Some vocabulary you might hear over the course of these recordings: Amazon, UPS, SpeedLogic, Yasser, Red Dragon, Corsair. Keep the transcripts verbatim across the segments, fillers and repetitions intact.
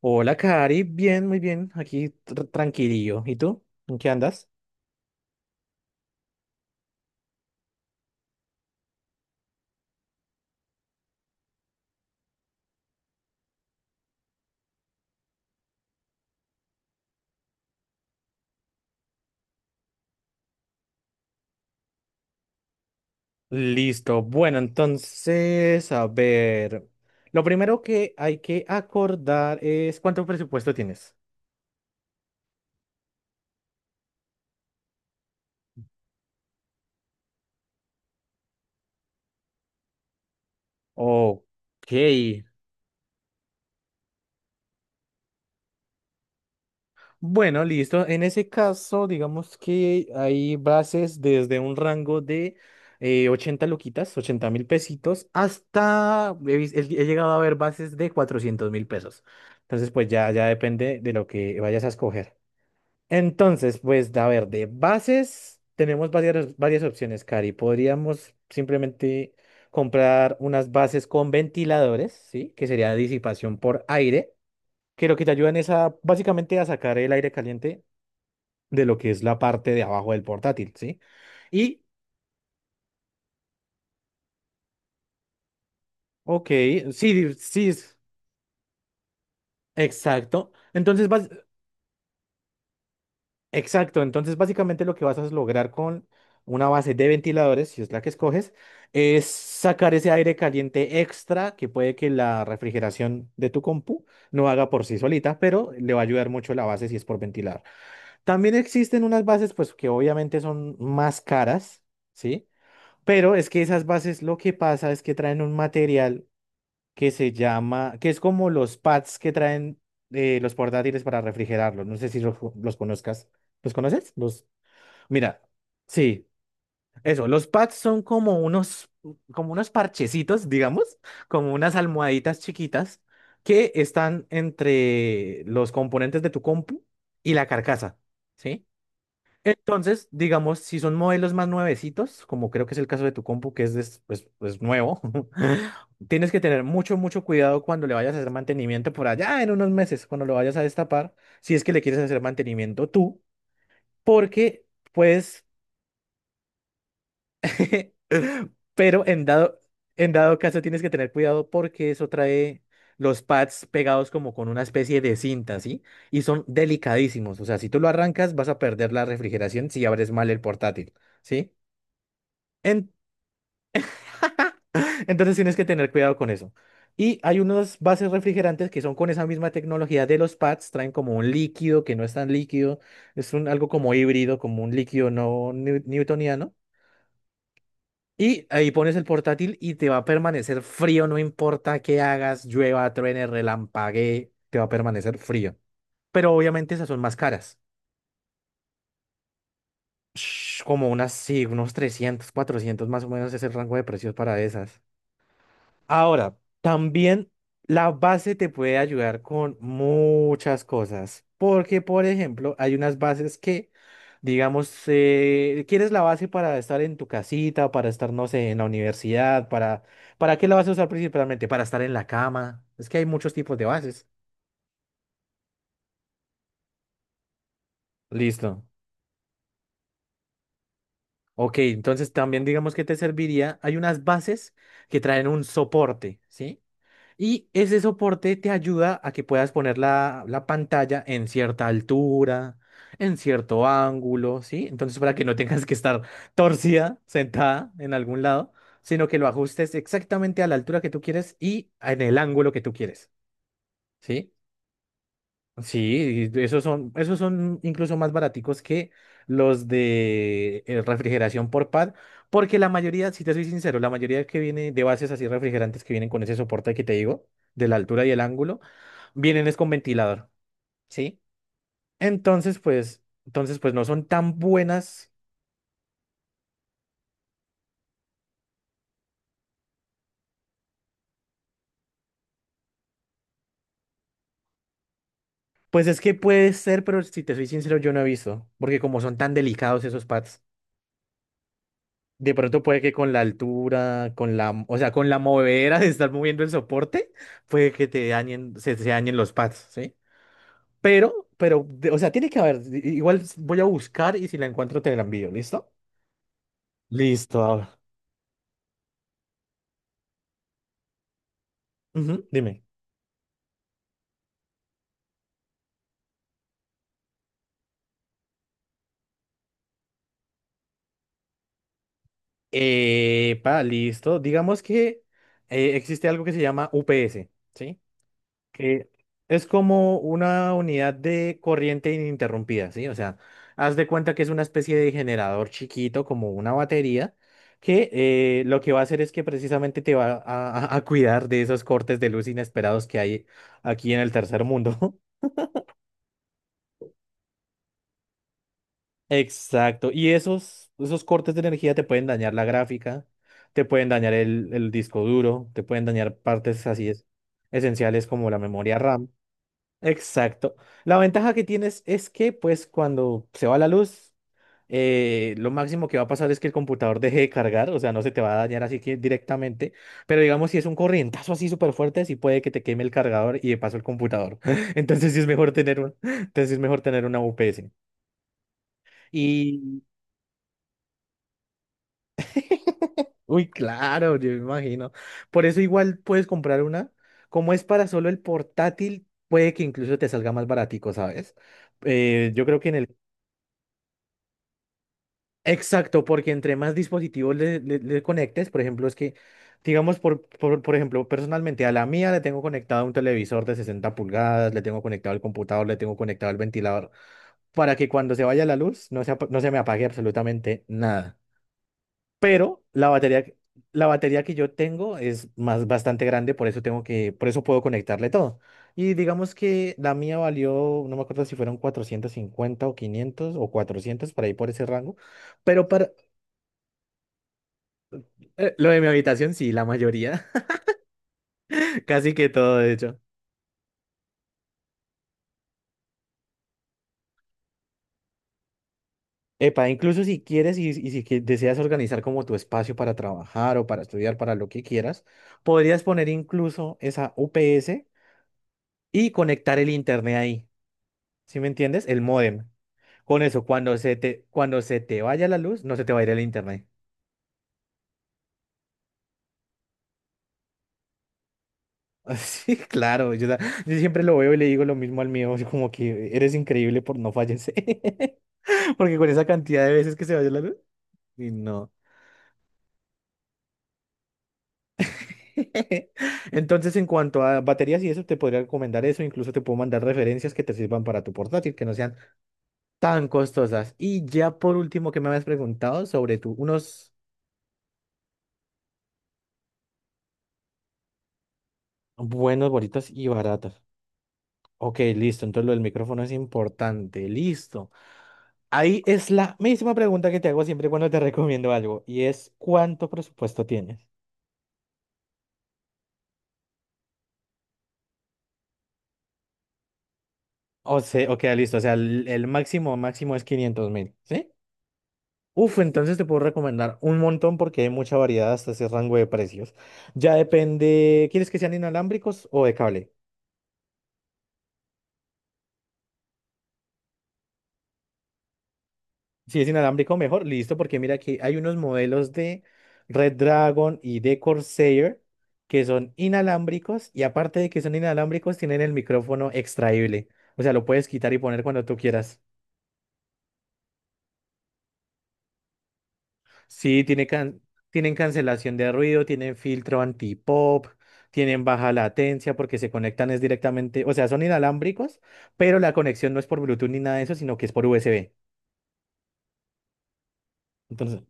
Hola, Cari. Bien, muy bien. Aquí tr- tranquilillo. ¿Y tú? ¿En qué andas? Listo. Bueno, entonces, a ver. Lo primero que hay que acordar es cuánto presupuesto tienes. Ok. Bueno, listo. En ese caso, digamos que hay bases desde un rango de eh, ochenta luquitas, ochenta mil pesitos, hasta he, vis- he- he llegado a ver bases de cuatrocientos mil pesos. Entonces, pues ya, ya depende de lo que vayas a escoger. Entonces, pues, a ver, de bases tenemos varias, varias opciones, Cari. Podríamos simplemente comprar unas bases con ventiladores, ¿sí? Que sería disipación por aire, que lo que te ayudan es a, básicamente a sacar el aire caliente de lo que es la parte de abajo del portátil, ¿sí? Y, ok, sí, sí, es- exacto. Entonces, bas- exacto, entonces básicamente lo que vas a lograr con una base de ventiladores, si es la que escoges, es sacar ese aire caliente extra que puede que la refrigeración de tu compu no haga por sí solita, pero le va a ayudar mucho la base si es por ventilar. También existen unas bases pues que obviamente son más caras, ¿sí? Pero es que esas bases lo que pasa es que traen un material que se llama, que es como los pads que traen eh, los portátiles para refrigerarlos. No sé si los, los conozcas. ¿Los conoces? Los, mira, sí, eso. Los pads son como unos, como unos parchecitos, digamos, como unas almohaditas chiquitas que están entre los componentes de tu compu y la carcasa, ¿sí? Entonces, digamos, si son modelos más nuevecitos, como creo que es el caso de tu compu, que es, des- pues, pues nuevo, tienes que tener mucho, mucho cuidado cuando le vayas a hacer mantenimiento por allá en unos meses, cuando lo vayas a destapar, si es que le quieres hacer mantenimiento tú, porque pues, pero en dado, en dado caso tienes que tener cuidado porque eso trae los pads pegados como con una especie de cinta, ¿sí? Y son delicadísimos, o sea, si tú lo arrancas vas a perder la refrigeración si abres mal el portátil, ¿sí? En- entonces tienes que tener cuidado con eso. Y hay unos bases refrigerantes que son con esa misma tecnología de los pads, traen como un líquido que no es tan líquido, es un, algo como híbrido, como un líquido no new- newtoniano. Y ahí pones el portátil y te va a permanecer frío, no importa qué hagas, llueva, truene, relampaguee, te va a permanecer frío. Pero obviamente esas son más caras. Shhh, como unas, sí, unos trescientos, cuatrocientos más o menos es el rango de precios para esas. Ahora, también la base te puede ayudar con muchas cosas, porque por ejemplo, hay unas bases que, digamos, eh, quieres la base para estar en tu casita, para estar, no sé, en la universidad, para, ¿para qué la vas a usar principalmente? Para estar en la cama. Es que hay muchos tipos de bases. Listo. Ok, entonces también digamos que te serviría, hay unas bases que traen un soporte, ¿sí? Y ese soporte te ayuda a que puedas poner la, la pantalla en cierta altura, en cierto ángulo, ¿sí? Entonces, para que no tengas que estar torcida, sentada en algún lado, sino que lo ajustes exactamente a la altura que tú quieres y en el ángulo que tú quieres, ¿sí? Sí, y esos son, esos son incluso más baraticos que los de eh, refrigeración por pad, porque la mayoría, si te soy sincero, la mayoría que viene de bases así refrigerantes que vienen con ese soporte que te digo, de la altura y el ángulo, vienen es con ventilador. ¿Sí? Entonces, pues, entonces, pues no son tan buenas. Pues es que puede ser, pero si te soy sincero, yo no he visto. Porque como son tan delicados esos pads, de pronto puede que con la altura, con la, o sea, con la movedera de estar moviendo el soporte, puede que te dañen, se, se dañen los pads, ¿sí? Pero, pero, de- o sea, tiene que haber. i- Igual voy a buscar y si la encuentro te la envío, ¿listo? Listo. A Ujú, dime. Epa, listo. Digamos que eh, existe algo que se llama U P S, ¿sí? Que es como una unidad de corriente ininterrumpida, ¿sí? O sea, haz de cuenta que es una especie de generador chiquito, como una batería, que eh, lo que va a hacer es que precisamente te va a, a- a cuidar de esos cortes de luz inesperados que hay aquí en el tercer mundo. Exacto. Y esos, esos cortes de energía te pueden dañar la gráfica, te pueden dañar el, el disco duro, te pueden dañar partes así es, esenciales como la memoria RAM. Exacto. La ventaja que tienes es que, pues, cuando se va la luz, eh, lo máximo que va a pasar es que el computador deje de cargar, o sea, no se te va a dañar así que directamente, pero digamos, si es un corrientazo así súper fuerte, sí puede que te queme el cargador y de paso el computador. Entonces sí es mejor tener un, entonces sí es mejor tener una U P S. Uy, claro, yo me imagino. Por eso igual puedes comprar una. Como es para solo el portátil, puede que incluso te salga más baratico, ¿sabes? Eh, yo creo que en el... Exacto, porque entre más dispositivos le, le- le conectes, por ejemplo, es que, digamos, por, por, por ejemplo, personalmente a la mía le tengo conectado un televisor de sesenta pulgadas, le tengo conectado el computador, le tengo conectado el ventilador, para que cuando se vaya la luz no se, apa- no se me apague absolutamente nada. Pero la batería, que- la batería que yo tengo es más bastante grande, por eso tengo que, por eso puedo conectarle todo. Y digamos que la mía valió, no me acuerdo si fueron cuatrocientos cincuenta o quinientos o cuatrocientos por ahí por ese rango, pero para eh, lo de mi habitación sí, la mayoría, casi que todo de hecho. Epa, incluso si quieres y, y si que- deseas organizar como tu espacio para trabajar o para estudiar, para lo que quieras, podrías poner incluso esa U P S y conectar el internet ahí. ¿Sí me entiendes? El módem. Con eso, cuando se te, cuando se te vaya la luz, no se te va a ir el internet. Sí, claro. Yo, da- yo siempre lo veo y le digo lo mismo al mío, así como que eres increíble por no fallecer. Porque con esa cantidad de veces que se vaya la luz, y no. Entonces, en cuanto a baterías y eso, te podría recomendar eso. Incluso te puedo mandar referencias que te sirvan para tu portátil, que no sean tan costosas. Y ya por último, que me habías preguntado sobre tu unos buenos, bonitos y baratos. Ok, listo. Entonces lo del micrófono es importante. Listo. Ahí es la misma pregunta que te hago siempre cuando te recomiendo algo y es, ¿cuánto presupuesto tienes? O sea, ok, listo. O sea, el, el máximo máximo es quinientos mil, ¿sí? Uf, entonces te puedo recomendar un montón porque hay mucha variedad hasta ese rango de precios. Ya depende, ¿quieres que sean inalámbricos o de cable? Si es inalámbrico, mejor, listo, porque mira que hay unos modelos de Red Dragon y de Corsair que son inalámbricos y aparte de que son inalámbricos, tienen el micrófono extraíble. O sea, lo puedes quitar y poner cuando tú quieras. Sí, tiene can- tienen cancelación de ruido, tienen filtro anti-pop, tienen baja latencia porque se conectan es directamente, o sea, son inalámbricos, pero la conexión no es por Bluetooth ni nada de eso, sino que es por U S B. Entonces,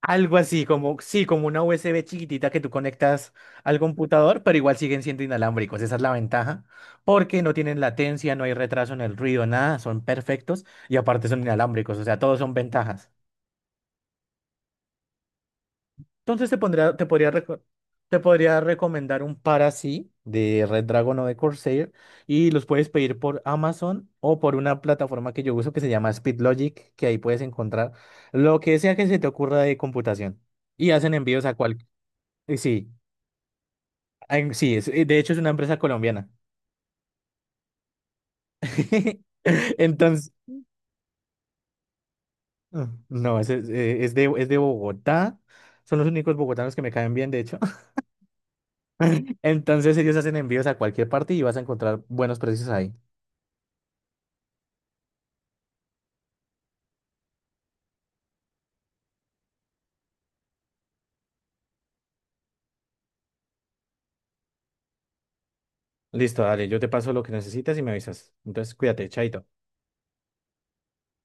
algo así, como, sí, como una U S B chiquitita que tú conectas al computador, pero igual siguen siendo inalámbricos. Esa es la ventaja, porque no tienen latencia, no hay retraso en el ruido, nada, son perfectos y aparte son inalámbricos, o sea, todos son ventajas. Entonces te pondría, te podría, reco- te podría recomendar un par así de Red Dragon o de Corsair y los puedes pedir por Amazon o por una plataforma que yo uso que se llama SpeedLogic, que ahí puedes encontrar lo que sea que se te ocurra de computación y hacen envíos a cualquier... Sí, ay, sí, es- eh, de hecho es una empresa colombiana. Entonces, mm, no, es, es, eh, es de, es de Bogotá. Son los únicos bogotanos que me caen bien, de hecho. Entonces ellos hacen envíos a cualquier parte y vas a encontrar buenos precios ahí. Listo, dale, yo te paso lo que necesitas y me avisas. Entonces, cuídate, chaito.